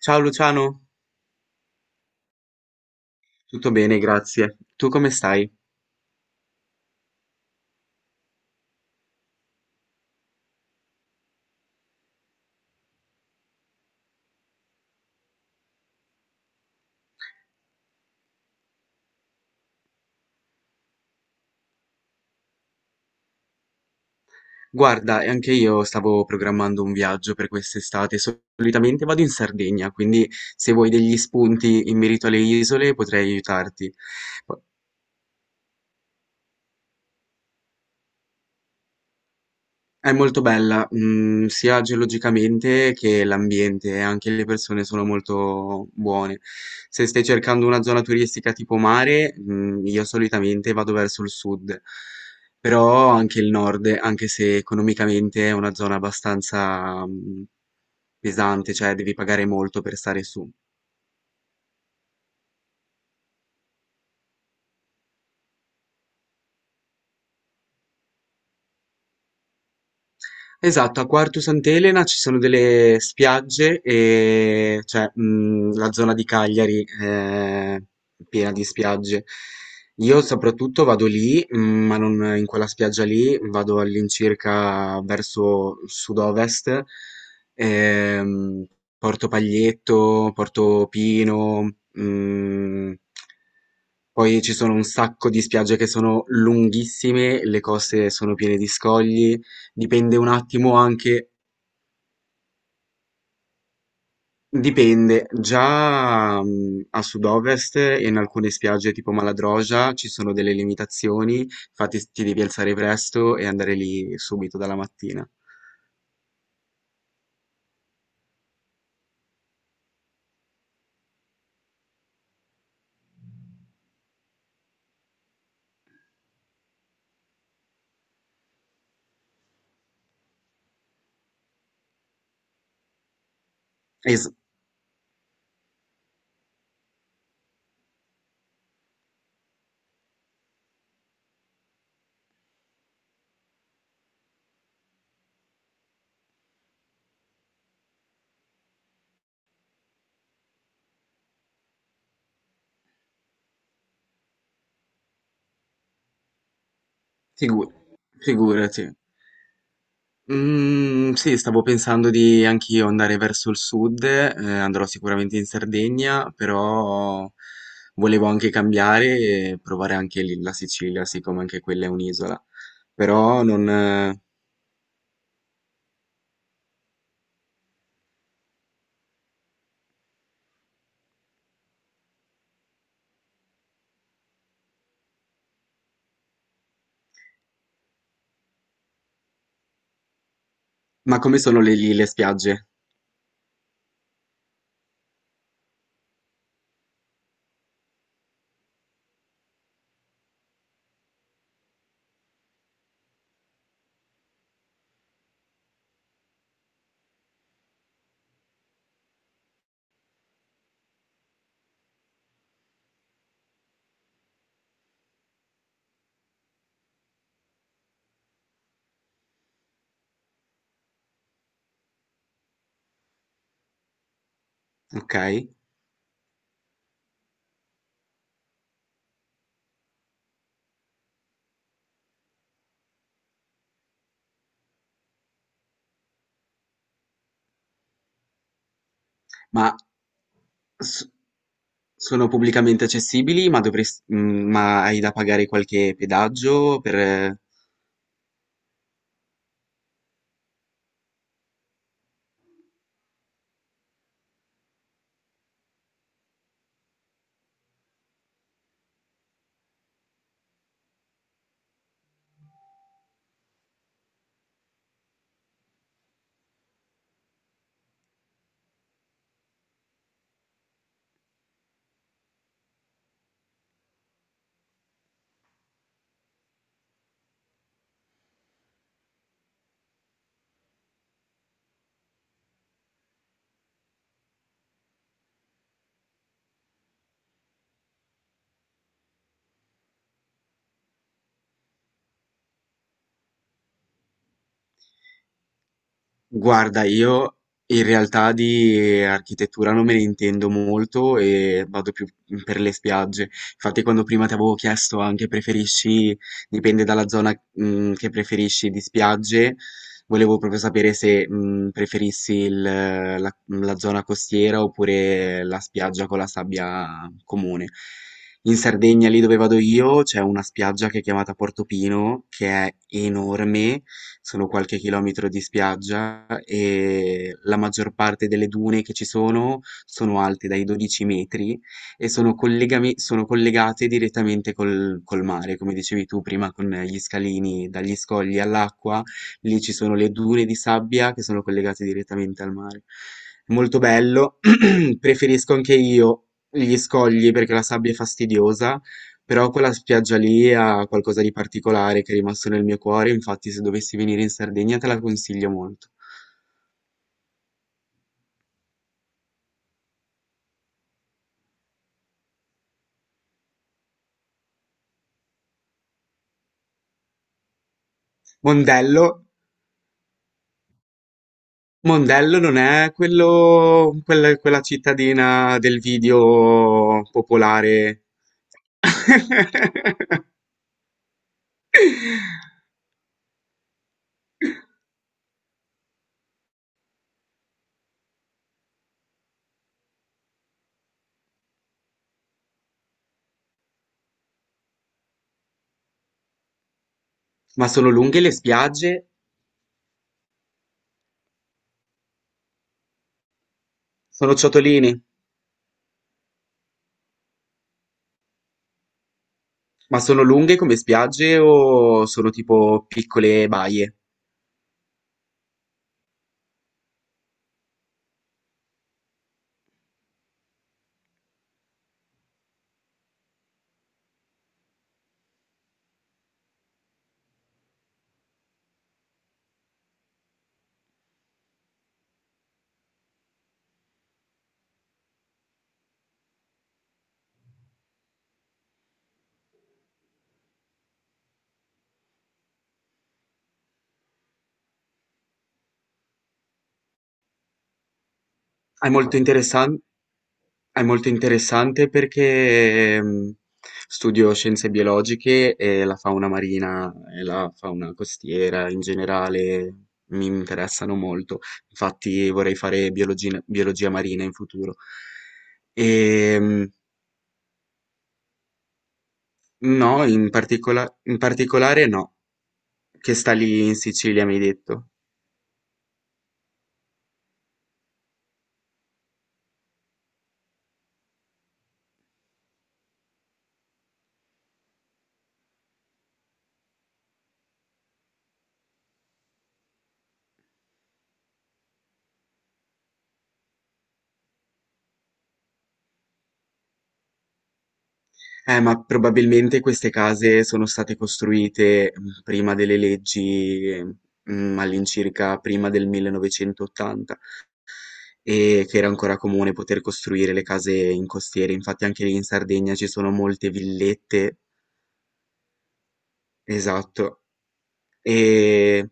Ciao Luciano, tutto bene, grazie. Tu come stai? Guarda, e anche io stavo programmando un viaggio per quest'estate. Solitamente vado in Sardegna, quindi se vuoi degli spunti in merito alle isole potrei aiutarti. È molto bella, sia geologicamente che l'ambiente, e anche le persone sono molto buone. Se stai cercando una zona turistica tipo mare, io solitamente vado verso il sud, però anche il nord, anche se economicamente è una zona abbastanza, pesante, cioè devi pagare molto per stare su. Esatto, a Quartu Sant'Elena ci sono delle spiagge e cioè la zona di Cagliari è piena di spiagge. Io soprattutto vado lì, ma non in quella spiaggia lì, vado all'incirca verso sud-ovest, ehm, Porto Paglietto, Porto Pino, poi ci sono un sacco di spiagge che sono lunghissime, le coste sono piene di scogli. Dipende un attimo anche, dipende, già a sud-ovest e in alcune spiagge tipo Maladroja ci sono delle limitazioni, infatti ti devi alzare presto e andare lì subito dalla mattina. Es- figu- Figurati. Mm, sì, stavo pensando di anch'io andare verso il sud, andrò sicuramente in Sardegna, però volevo anche cambiare e provare anche lì la Sicilia, siccome anche quella è un'isola. Però non. Ma come sono le lì le spiagge? Okay. Ma s sono pubblicamente accessibili? Ma hai da pagare qualche pedaggio per. Guarda, io in realtà di architettura non me ne intendo molto e vado più per le spiagge. Infatti, quando prima ti avevo chiesto anche preferisci, dipende dalla zona, che preferisci di spiagge, volevo proprio sapere se, preferissi la zona costiera oppure la spiaggia con la sabbia comune. In Sardegna, lì dove vado io, c'è una spiaggia che è chiamata Portopino, che è enorme, sono qualche chilometro di spiaggia e la maggior parte delle dune che ci sono sono alte dai 12 metri e sono collegate direttamente col mare, come dicevi tu prima, con gli scalini dagli scogli all'acqua, lì ci sono le dune di sabbia che sono collegate direttamente al mare. Molto bello, preferisco anche io gli scogli perché la sabbia è fastidiosa, però quella spiaggia lì ha qualcosa di particolare che è rimasto nel mio cuore, infatti se dovessi venire in Sardegna te la consiglio molto. Mondello, Mondello non è quello, quella cittadina del video popolare. Ma sono lunghe le spiagge? Sono ciotolini, ma sono lunghe come spiagge o sono tipo piccole baie? È molto interessante. È molto interessante perché studio scienze biologiche e la fauna marina e la fauna costiera in generale mi interessano molto. Infatti vorrei fare biologia marina in futuro. E no, in particolare no, che sta lì in Sicilia, mi hai detto. Ma probabilmente queste case sono state costruite prima delle leggi, all'incirca prima del 1980, e che era ancora comune poter costruire le case in costiere. Infatti anche lì in Sardegna ci sono molte villette, esatto. E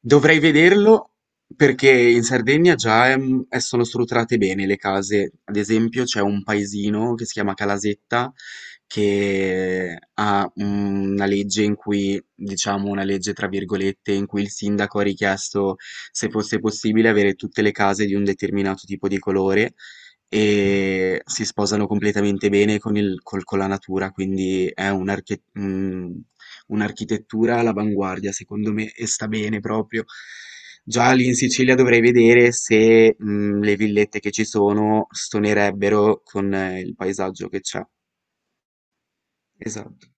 dovrei vederlo perché in Sardegna già sono strutturate bene le case. Ad esempio, c'è un paesino che si chiama Calasetta che ha una legge in cui, diciamo, una legge tra virgolette, in cui il sindaco ha richiesto se fosse possibile avere tutte le case di un determinato tipo di colore e si sposano completamente bene con la natura, quindi è un architetto. Un'architettura all'avanguardia secondo me e sta bene proprio. Già lì in Sicilia dovrei vedere se le villette che ci sono stonerebbero con il paesaggio che c'è. Esatto.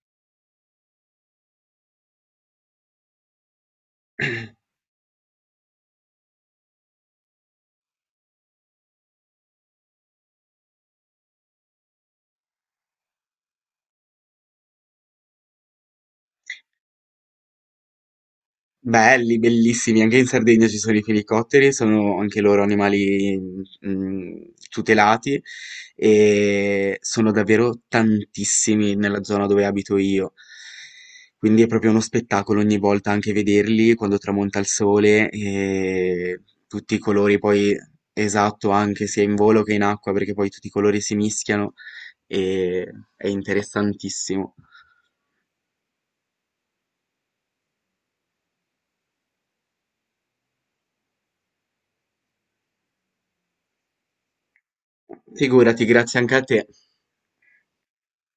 Belli, bellissimi, anche in Sardegna ci sono i felicotteri, sono anche loro animali mm, tutelati e sono davvero tantissimi nella zona dove abito io. Quindi è proprio uno spettacolo ogni volta anche vederli quando tramonta il sole e tutti i colori poi esatto, anche sia in volo che in acqua, perché poi tutti i colori si mischiano e è interessantissimo. Figurati, grazie anche a te.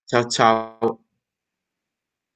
Ciao ciao.